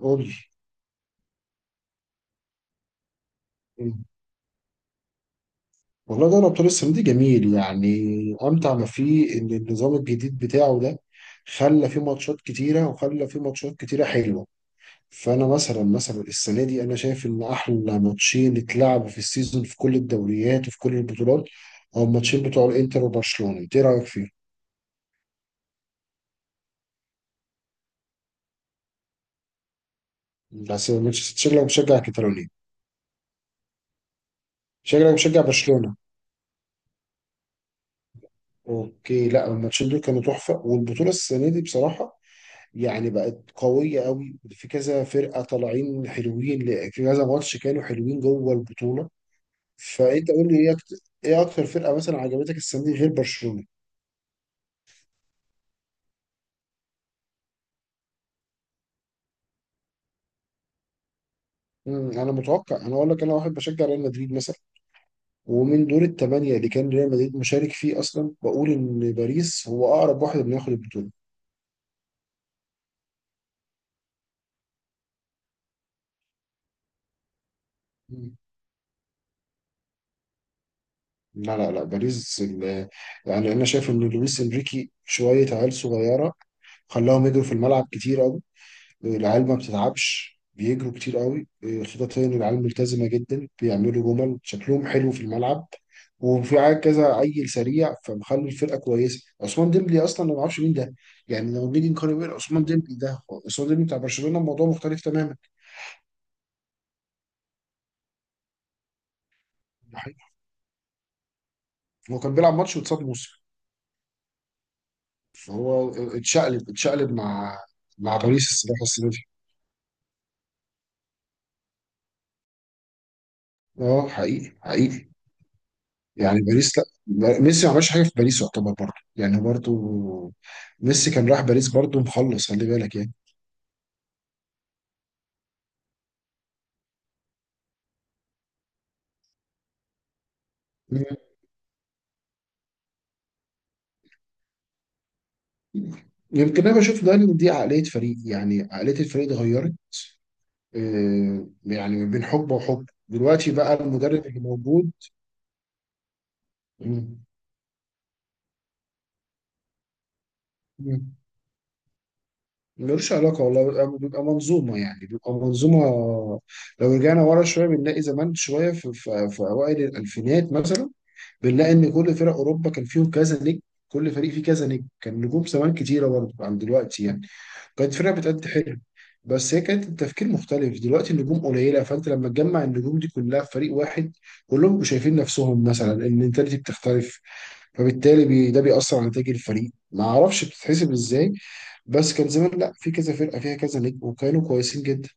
قول لي. والله دوري ابطال السنه دي جميل يعني. امتع ما فيه ان النظام الجديد بتاعه ده خلى فيه ماتشات كتيره وخلى فيه ماتشات كتيره حلوه. فانا مثلا السنه دي انا شايف ان احلى ماتشين اتلعبوا في السيزون في كل الدوريات وفي كل البطولات. هو الماتشين بتوع الانتر وبرشلونه، انت ايه رايك فيهم؟ شكلك مشجع كتالوني، شكلك مشجع برشلونه. اوكي، لا الماتشين دول كانوا تحفه والبطوله السنه دي بصراحه يعني بقت قوية قوي، في كذا فرقة طالعين حلوين، في كذا ماتش كانوا حلوين جوه البطولة. فأنت قول لي إيه أكتر فرقة مثلا عجبتك السنة دي غير برشلونة؟ أنا أقول لك، أنا واحد بشجع ريال مدريد مثلا، ومن دور الثمانية اللي كان ريال مدريد مشارك فيه أصلا بقول إن باريس هو أقرب واحد إنه ياخد البطولة. مم. لا لا لا، يعني أنا شايف إن لويس إنريكي شوية عيال صغيرة، خلاهم يجروا في الملعب كتير، العيال ما بتتعبش بيجروا كتير قوي، إيه، خططيا العيال ملتزمة جدا بيعملوا جمل شكلهم حلو في الملعب، وفي عيال كذا عيل سريع فمخلي الفرقة كويسة. عثمان ديمبلي أصلا أنا ما أعرفش مين ده، يعني لما بنيجي نقارن بين عثمان ديمبلي ده، عثمان ديمبلي بتاع برشلونة الموضوع مختلف تماما. الحقيقة، هو كان بيلعب ماتش واتصاب موسم، فهو اتشقلب مع باريس الصراحة السنة دي. اه، حقيقي حقيقي، يعني باريس، لا ميسي ما عملش حاجه في باريس يعتبر برضه، يعني برضه ميسي كان راح باريس برضه مخلص، خلي بالك يعني. مم. يمكن انا بشوف ده ان دي عقليه فريق، يعني عقليه الفريق اتغيرت، يعني من بين حقبه وحقبه دلوقتي بقى المدرب اللي موجود. مم. مم. ملوش علاقه والله، بيبقى منظومه، يعني بيبقى منظومه. لو رجعنا ورا شويه بنلاقي زمان شويه في اوائل الالفينات مثلا، بنلاقي ان كل فرق اوروبا كان فيهم كذا نجم، كل فريق فيه كذا نجم، كان نجوم زمان كتيره برضه عن دلوقتي يعني. كانت فرقه بتأدي حلو، بس هي كانت التفكير مختلف، دلوقتي النجوم قليله، فانت لما تجمع النجوم دي كلها في فريق واحد، كلهم بيبقوا شايفين نفسهم، مثلا المنتاليتي بتختلف، فبالتالي ده بيأثر على نتائج الفريق، ما اعرفش بتتحسب ازاي. بس كان زمان لا، في كذا فرقه فيها كذا نجم وكانوا كويسين جدا.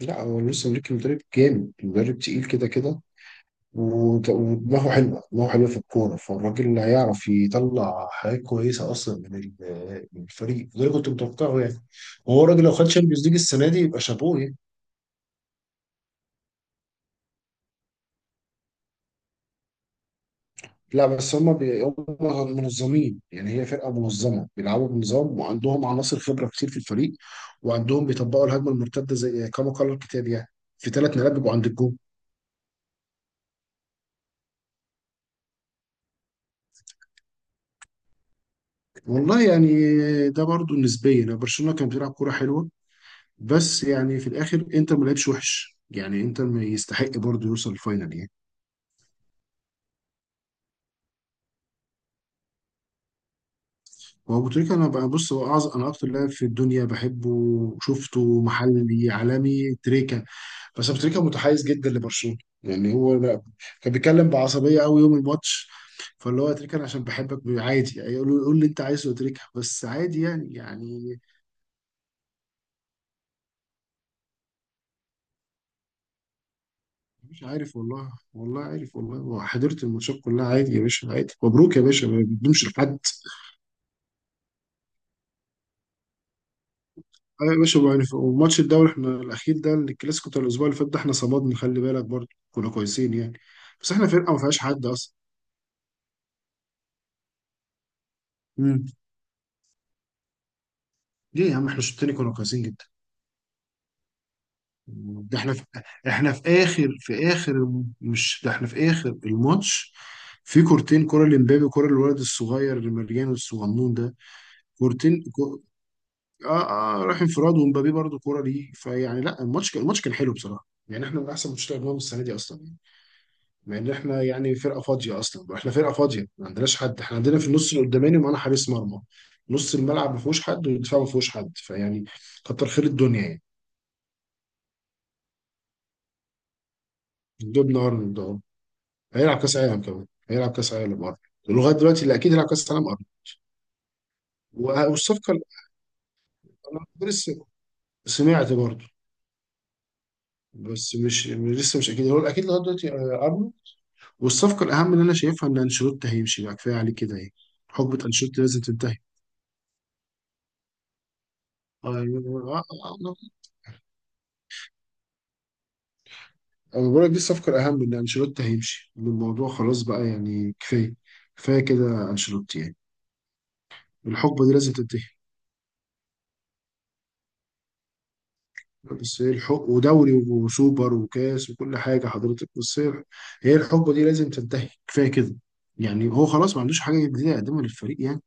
لا هو لسه مدرك، مدرب جامد مدرب تقيل كده كده، ودماغه حلوه، دماغه حلوه في الكوره، فالراجل اللي هيعرف يطلع حاجات كويسه اصلا من الفريق، وده اللي كنت متوقعه يعني. وهو الراجل لو خد شامبيونز ليج السنه دي يبقى شابوه يعني. لا بس هم منظمين، يعني هي فرقه منظمه بيلعبوا بنظام وعندهم عناصر خبره كتير في الفريق، وعندهم بيطبقوا الهجمه المرتده زي كما قال الكتاب يعني، في 3 نقاط بيبقوا عند الجول. والله يعني ده برضو نسبيا برشلونه كان بيلعب كوره حلوه، بس يعني في الاخر انتر ما لعبش وحش يعني، انتر ما يستحق برضه يوصل الفاينل يعني. هو ابو تريكه انا بقى بص، هو اعظم انا اكتر لاعب في الدنيا بحبه، شفته محلي عالمي تريكه، بس ابو تريكه متحيز جدا لبرشلونه، يعني هو لا، كان بيتكلم بعصبيه قوي يوم الماتش، فاللي هو يا تريكه انا عشان بحبك عادي يعني، قول اللي انت عايزه يا تريكه بس عادي يعني مش عارف والله، والله عارف والله، وحضرت الماتشات كلها عادي يا باشا، عادي مبروك يا باشا ما بنمشي لحد. ايوه يا باشا بقى، وماتش الدوري احنا الاخير ده، الكلاسيكو بتاع الاسبوع اللي فات ده، احنا صمدنا خلي بالك، برضه كنا كويسين يعني، بس احنا فرقه ما فيهاش حد اصلا. امم. ليه يا عم، احنا الشوط التاني كنا كويسين جدا، ده احنا في، احنا في اخر، في اخر مش ده احنا في اخر الماتش، في كورتين، كرة لمبابي وكرة للولد الصغير اللي مليان الصغنون ده، كورتين كو... اه اه، راح انفراد ومبابي برضه كرة ليه فيعني، لا الماتش كان حلو بصراحة، يعني احنا من احسن ماتشات اللي لعبناهم السنة دي اصلا، مع ان احنا يعني فرقه فاضيه اصلا، احنا فرقه فاضيه ما عندناش حد، احنا عندنا في النص القداماني معانا حارس مرمى، نص الملعب ما فيهوش حد والدفاع ما فيهوش حد فيعني، كتر خير الدنيا يعني. جبنا ارنولد اهو، هيلعب كاس عالم كمان، هيلعب كاس عالم ارنولد، لغايه دلوقتي اللي اكيد هيلعب كاس عالم ارنولد، والصفقه اللي، انا لسه سمعت برضه، بس مش اكيد، هو الاكيد لغايه دلوقتي آه، ارنولد، والصفقه الاهم اللي انا شايفها ان انشيلوتي هيمشي بقى، كفايه عليه كده اهي، حقبه انشيلوتي لازم تنتهي. ايوه، انا بقول لك دي الصفقه الاهم ان انشيلوتي هيمشي، إن الموضوع خلاص بقى يعني كفايه، كفايه كده انشيلوتي يعني، الحقبه دي لازم تنتهي، بس هي الحق ودوري وسوبر وكاس وكل حاجه حضرتك، بس هي الحقبه دي لازم تنتهي، كفايه كده يعني، هو خلاص ما عندوش حاجه جديده يقدمها للفريق يعني،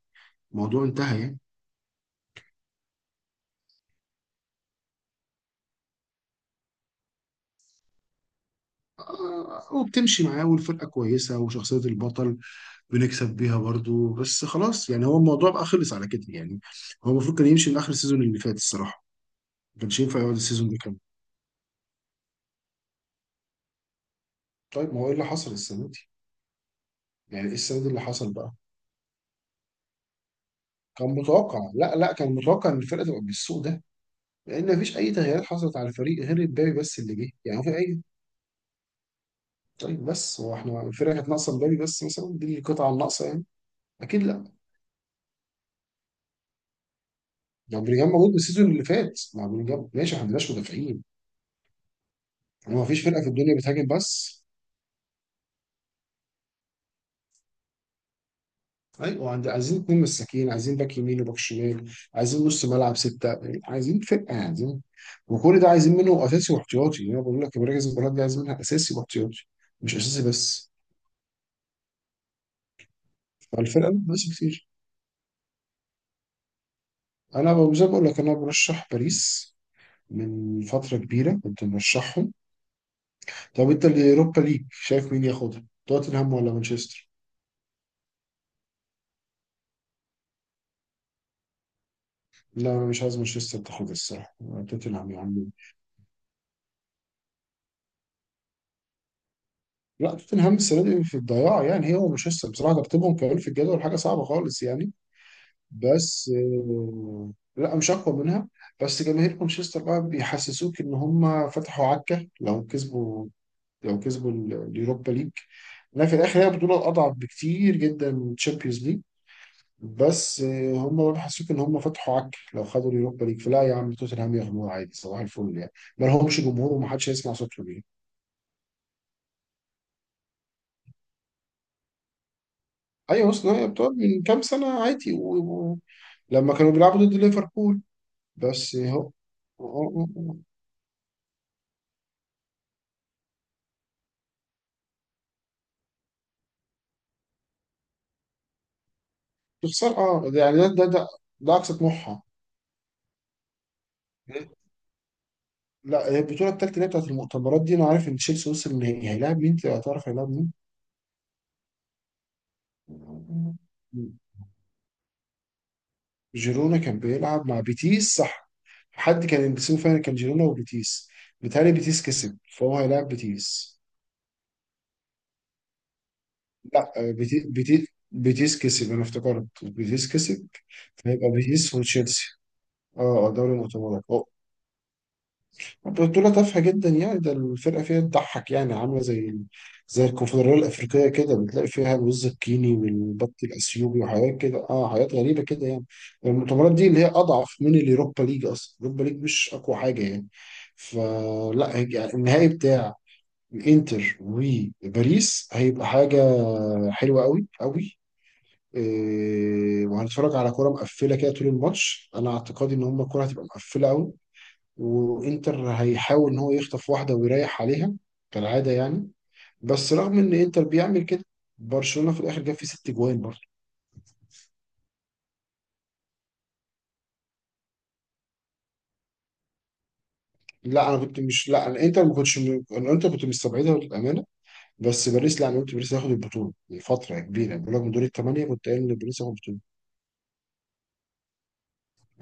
الموضوع انتهى يعني. وبتمشي معاه والفرقه كويسه، وشخصيه البطل بنكسب بيها برضو، بس خلاص يعني هو الموضوع بقى خلص على كده يعني، هو المفروض كان يمشي من اخر السيزون اللي فات الصراحه، ما كانش ينفع يقعد السيزون ده كمان. طيب ما هو ايه اللي حصل السنه دي؟ يعني ايه السنه دي اللي حصل بقى؟ كان متوقع، لا لا كان متوقع ان الفرقه تبقى بالسوء ده، لان مفيش اي تغييرات حصلت على الفريق غير امبابي بس اللي جه يعني في اي. طيب بس هو احنا الفرقه كانت ناقصه امبابي بس مثلا، دي القطعه الناقصه يعني، اكيد لا. لو بلينجهام موجود من السيزون اللي فات، مع بلينجهام ماشي، احنا ما عندناش مدافعين، يعني هو مفيش فرقه في الدنيا بتهاجم بس. ايوه، عايزين اتنين مساكين، عايزين باك يمين وباك شمال، عايزين نص ملعب ستة، عايزين فرقة، عايزين، وكل ده عايزين منه اساسي واحتياطي، يعني انا بقول لك مراكز المباراة دي عايزين منها اساسي واحتياطي، مش اساسي بس، فالفرقة دي بس كتير. زي ما بقول لك انا برشح باريس، من فترة كبيرة كنت مرشحهم. طب انت اليوروبا ليج شايف مين ياخدها، توتنهام ولا مانشستر؟ لا انا مش عايز مانشستر تاخدها الصراحة. توتنهام يا عم، لا توتنهام السنه دي في الضياع يعني، هي ومانشستر بصراحه ترتيبهم كمان في الجدول حاجه صعبه خالص يعني، بس لا مش اقوى منها، بس جماهير مانشستر بقى بيحسسوك ان هم فتحوا عكه لو كسبوا اليوروبا ليج، لكن في الاخر هي بطوله اضعف بكتير جدا من تشامبيونز ليج، بس هم بيحسسوك ان هم فتحوا عكه لو خدوا اليوروبا ليج، فلا يا عم توتنهام ياخدوها عادي صباح الفل يعني، ما لهمش جمهور ومحدش هيسمع صوتهم يعني. ايوه حسني، أيوة بتوع من كام سنة عادي و... لما كانوا بيلعبوا ضد ليفربول، بس هو تخسر، اه، يعني ده اقصى طموحها. لا هي البطولة التالتة اللي هي بتاعت المؤتمرات دي، انا عارف ان تشيلسي وصل النهائي، هيلاعب مين انت هتعرف هيلاعب مين؟ جيرونا كان بيلعب مع بيتيس صح، حد كان السيمي فاينل كان جيرونا وبيتيس، بيتهيألي بيتيس كسب فهو هيلاعب بيتيس، لا بيتيس كسب، انا افتكرت بيتيس كسب، فهيبقى بيتيس وتشيلسي. اه دوري المؤتمرات بطولة تافهة جدا يعني، ده الفرقة فيها تضحك يعني، عاملة زي الكونفدرالية الأفريقية كده، بتلاقي فيها الوز الكيني والبط الأثيوبي وحاجات كده، حاجات غريبة كده يعني. المؤتمرات دي اللي هي أضعف من اليوروبا ليج أصلا، اليوروبا ليج مش أقوى حاجة يعني، فلا يعني النهائي بتاع الانتر وباريس هيبقى حاجة حلوة قوي قوي، وهنتفرج على كرة مقفلة كده طول الماتش، أنا اعتقادي إن هما الكرة هتبقى مقفلة أوي، وإنتر هيحاول إن هو يخطف واحدة ويريح عليها كالعادة يعني، بس رغم إن إنتر بيعمل كده برشلونة في الآخر جاب فيه 6 جوان برضه. لا أنا كنت مش، لا أنا إنتر ما كنتش أنا إنتر كنت مستبعدها للأمانة، بس باريس لا أنا قلت باريس هياخد البطولة، لفترة كبيرة بقول لك من دور الثمانية كنت قايل إن باريس هياخد البطولة.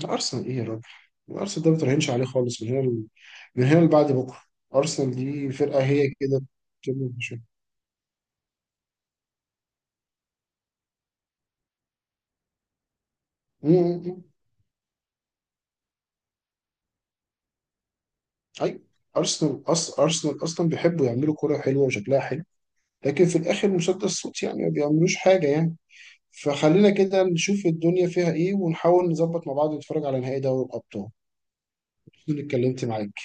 ارسنال ايه يا راجل، ارسنال ده ما تراهنش عليه خالص، من هنا من هنا لبعد بكره، ارسنال دي فرقه هي كده بتبني مشاكل. م- م- م. اي، ارسنال اصلا بيحبوا يعملوا كره حلوه وشكلها حلو، لكن في الاخر مسدس صوت يعني ما بيعملوش حاجه يعني، فخلينا كده نشوف الدنيا فيها ايه ونحاول نظبط مع بعض نتفرج على نهائي دوري الابطال. أنا اتكلمت معاك.